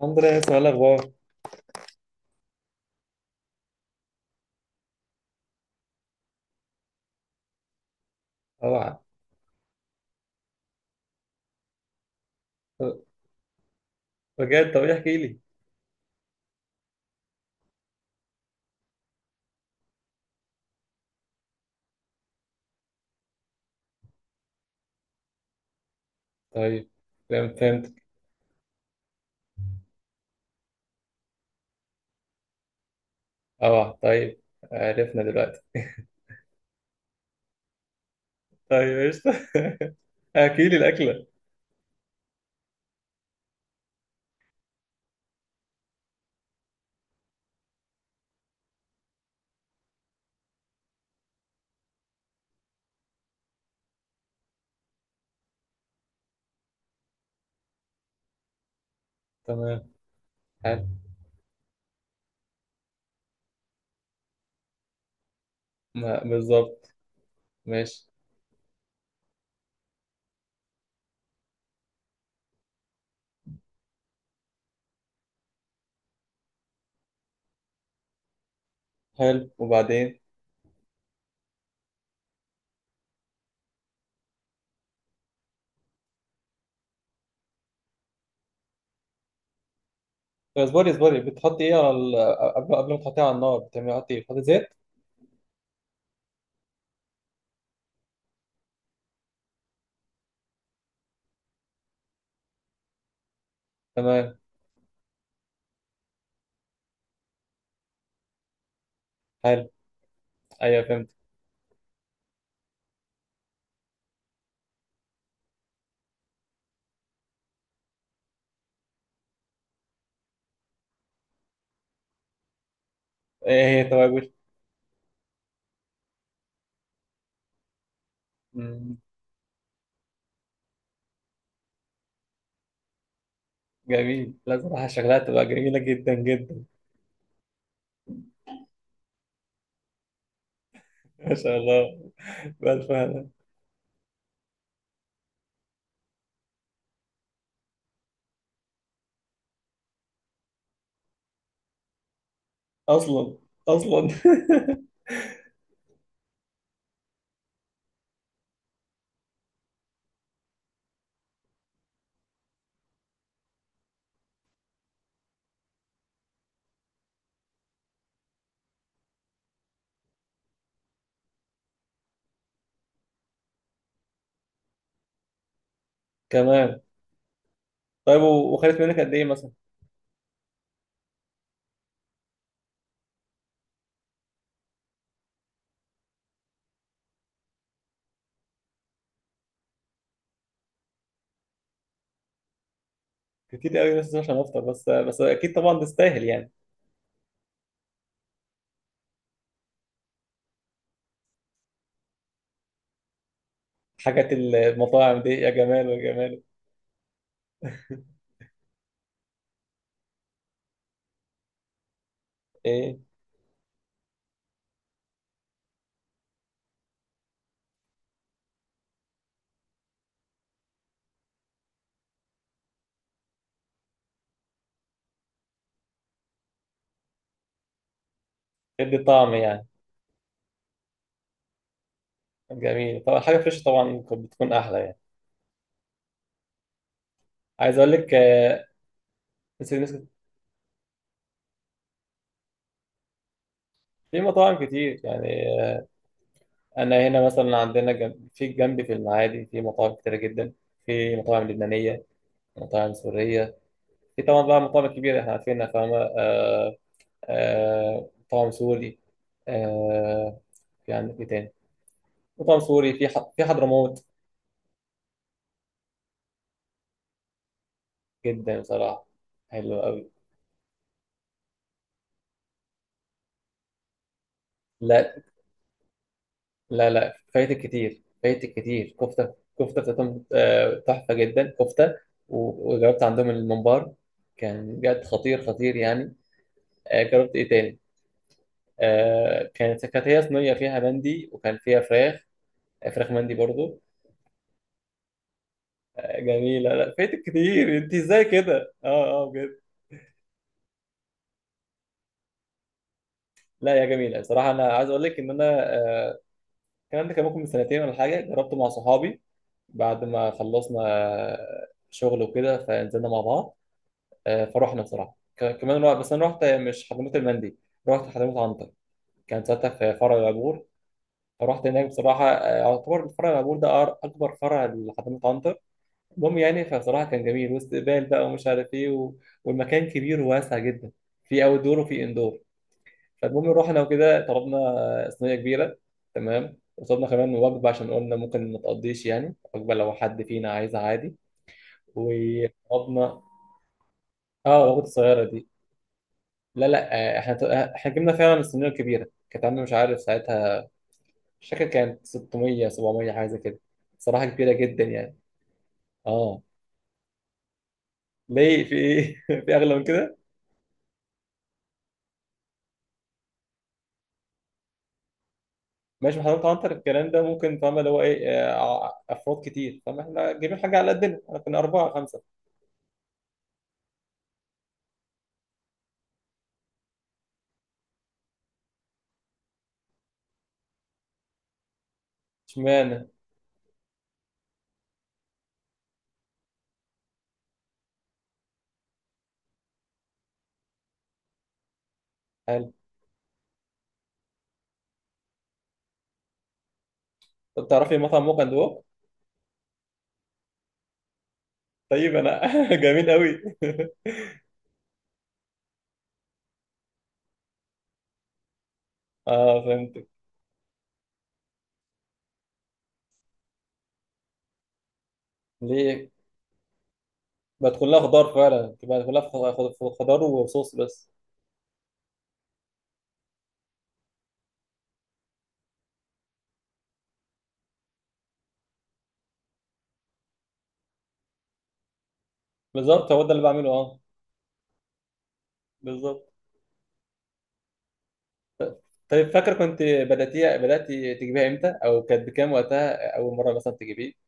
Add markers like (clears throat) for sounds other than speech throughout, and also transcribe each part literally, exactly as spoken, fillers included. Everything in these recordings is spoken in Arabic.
الحمد لله، اسمع الأخبار. طبعا. بجد؟ طب ايه، احكي لي. طيب. فهمت فهمت طبعا. طيب عرفنا دلوقتي. طيب قشطة. (laughs) احكي لي الأكلة. تمام. حلو. ما- بالظبط. ماشي. حلو، وبعدين؟ طب اصبري اصبري، بتحطي ايه على ال... قبل قبل ما تحطيها على النار بتعملي، حطي ايه، بتحطي زيت؟ تمام. حلو. ايوه فهمت. ايه هي توابل؟ مم، جميل. لا صراحة شغلها تبقى جميلة جدا جدا. (laughs) ما شاء الله، بألف هنا. أصلا. أصلا (laughs) كمان. طيب و- وخدت منك قد ايه مثلا؟ كتير قوي، بس عشان افطر بس بس اكيد طبعا تستاهل يعني. حاجات المطاعم دي، يا جمال يا جمال. ايه. ادي طعم يعني؟ جميل طبعا، حاجه فريش طبعا كانت بتكون احلى يعني. عايز اقول لك آه، بس الناس كت- في مطاعم كتير يعني. آه، انا هنا مثلا عندنا جنب في جنبي، في المعادي، في مطاعم كتيره جدا. في مطاعم لبنانيه، مطاعم سوريه. في طبعا بقى مطاعم كبيره احنا عارفينها، فاهمه؟ آه، آه، مطاعم سوري. آه، يعني ايه تاني؟ مطعم سوري في ح... في حضرموت. جدا بصراحة، حلو قوي. لا لا لا، فايتك كتير، فايتك كتير. كفتة كفتة بتاعتهم آه، تحفة جدا كفتة. و- وجربت عندهم الممبار، كان بجد خطير خطير يعني. آه، جربت ايه تاني؟ آه، كانت كانت هي صينية فيها مندي وكان فيها فراخ. آه، فراخ مندي برضو. آه، جميلة. لا فايتك كتير، انت ازاي كده؟ اه. اه بجد. لا يا جميلة، بصراحة انا عايز اقول لك ان انا آه، كان عندي، كان ممكن من سنتين ولا حاجة جربته مع صحابي. بعد ما خلصنا شغل وكده فنزلنا مع بعض. آه، فروحنا بصراحه، ك- كمان رحت، بس انا رحت مش حضرموت المندي، رحت حضرموت عنتر. كان ساعتها في فرع العبور، فرحت هناك بصراحه. آه، يعتبر فرع العبور ده أر- اكبر فرع لحضرموت عنتر. المهم يعني فبصراحه كان جميل واستقبال بقى ومش عارف ايه و... والمكان كبير وواسع جدا، في اوت دور وفي اندور. فالمهم رحنا وكده طلبنا آه، صينيه كبيره. تمام. وطلبنا كمان وجبه عشان قلنا ممكن ما تقضيش يعني وجبه، لو حد فينا عايزها عادي. وقبضنا. اه العبوة الصغيرة دي. لا لا، آه، احنا ت- آه، احنا جبنا فعلا الصينية الكبيرة، كانت عاملة مش عارف ساعتها، مش فاكر، كانت ستمية سبعمية حاجة زي كده، صراحة كبيرة جدا يعني. اه. ليه؟ في ايه؟ (laughs) في اغلى من كده؟ ماشي، ما حضرتك عنتر الكلام ده ممكن، فاهم اللي هو ايه آه، ع- افراد كتير، فاهم احنا جايبين حاجة على قدنا، احنا كنا أربعة خمسة. اشمعنى. هل؟ طب تعرفي مطعم موقع دوق؟ طيب انا (laughs) جميل قوي (laughs) اه فهمت. ليه؟ بقت كلها خضار فعلا، بقت كلها خ- خ- خضار وصوص بس. بالظبط، هو ده اللي بعمله. اه بالظبط. طيب فاكر، كنت بدأتي بدأتي تجيبيها امتى، او كانت بكام وقتها اول مرة مثلا تجيبيه؟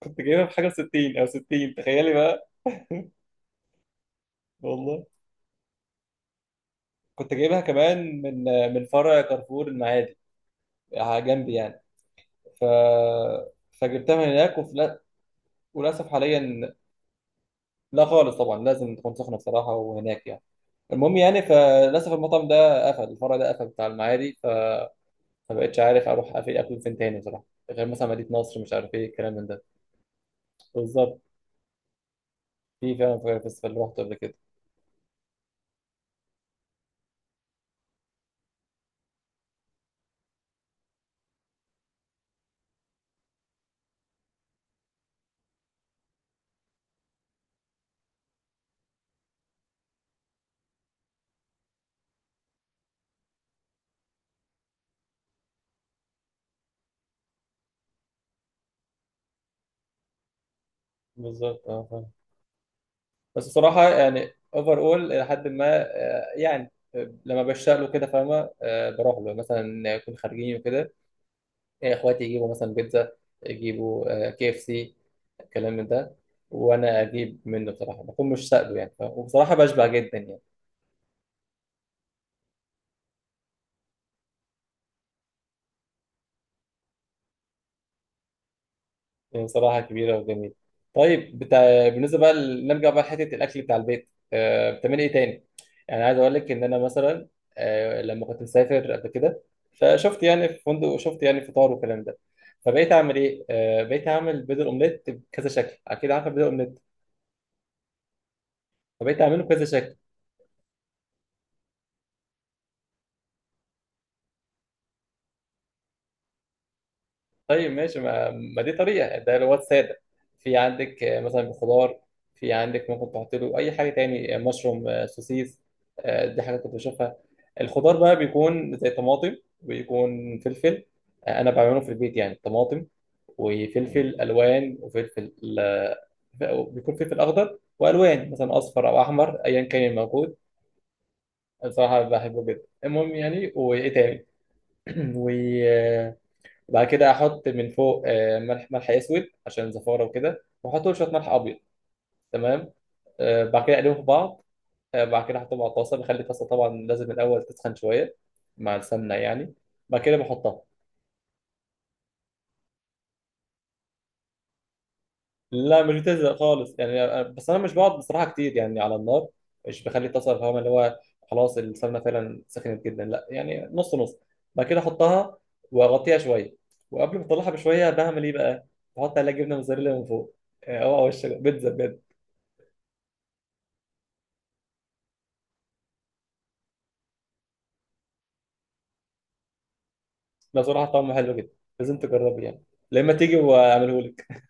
كنت جايبها بحاجة ستين او ستين، تخيلي بقى (laughs) والله كنت جايبها كمان من من فرع كارفور المعادي، على جنبي يعني. ف فجبتها من هناك، وفي لا- وللاسف حاليا. لا خالص، طبعا لازم تكون سخنه بصراحه وهناك يعني. المهم يعني فللاسف المطعم ده قفل، الفرع ده قفل بتاع المعادي. ما بقتش عارف اروح اقفل اكل فين تاني بصراحه، غير مثلا مدينه نصر، مش عارف ايه الكلام من ده. بالظبط، في فعلا فاير فيستيفال اللي رحته قبل كده. بالظبط، اه فاهم. بس بصراحه يعني اوفر اول الى حد ما آه، يعني آه، لما بشتاق له كده فاهمه، آه، بروح له مثلا، نكون خارجين وكده. آه، اخواتي يجيبوا مثلا بيتزا، يجيبوا آه، كي اف سي، الكلام من ده. وانا اجيب منه بصراحه، بكون مش سائله يعني فاهم؟ وبصراحه بشبع جدا يعني. هي صراحة كبيرة وجميلة. طيب بتاع... بالنسبة بقى ل- نرجع بقى لحتة الأكل بتاع البيت. آه، بتعملي إيه تاني؟ يعني عايز أقول لك إن أنا مثلا آه، لما كنت مسافر قبل كده، فشفت يعني في فندق وشفت يعني فطار والكلام ده. فبقيت أعمل إيه؟ آه، بقيت أعمل بيض الأومليت بكذا شكل، أكيد عارفة بيض الأومليت. فبقيت أعمله بكذا شكل. طيب ماشي، ما, ما دي طريقة، ده اللي هو السادة. في عندك آه، مثلا خضار، في عندك ممكن تحط له أي حاجة تاني، آه، مشروم، آه، سوسيس. آه، دي حاجة كنت بشوفها. الخضار بقى بيكون زي طماطم، ويكون فلفل. آه، أنا بعمله في البيت يعني طماطم وفلفل ألوان وفلفل، آه، بيكون فلفل أخضر وألوان مثلا أصفر أو أحمر أيا كان الموجود. بصراحة بحبه جدا. المهم يعني، وإيه تاني؟ (clears throat) و بعد كده احط من فوق آه، ملح، ملح اسود عشان زفاره وكده، واحط له شويه ملح ابيض. تمام. آه، بعد كده اقلبهم في بعض. آه، بعد كده احطهم على الطاسه، بخلي الطاسه طبعا لازم الاول تسخن شويه مع السمنه يعني. بعد كده بحطها. لا مش بتلزق خالص يعني، أنا- بس انا مش بقعد بصراحه كتير يعني على النار، مش بخلي الطاسه، فاهم اللي هو خلاص السمنه فعلا سخنت جدا، لا يعني نص نص. بعد كده احطها واغطيها شويه. وقبل ما اطلعها بشويه بعمل ايه بقى؟ بحط عليها جبنه موزاريلا من فوق، آه، اوعى وشك بيتزا بجد. لا صراحة طعمه حلو جدا، لازم تجربه يعني لما تيجي واعمله لك.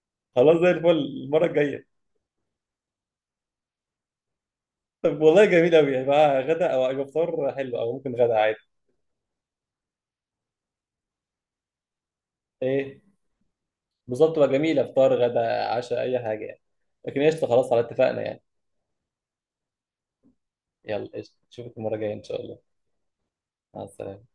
(laughs) خلاص زي الفل المرة الجاية. طب والله جميل أوي، هيبقى غدا أو أو فطار حلو، أو ممكن غدا عادي. إيه بالظبط، تبقى جميلة، فطار غدا عشاء أي حاجة يعني. لكن قشطة خلاص، على اتفقنا يعني. يلا قشطة، نشوفك المرة الجاية إن شاء الله. مع السلامة.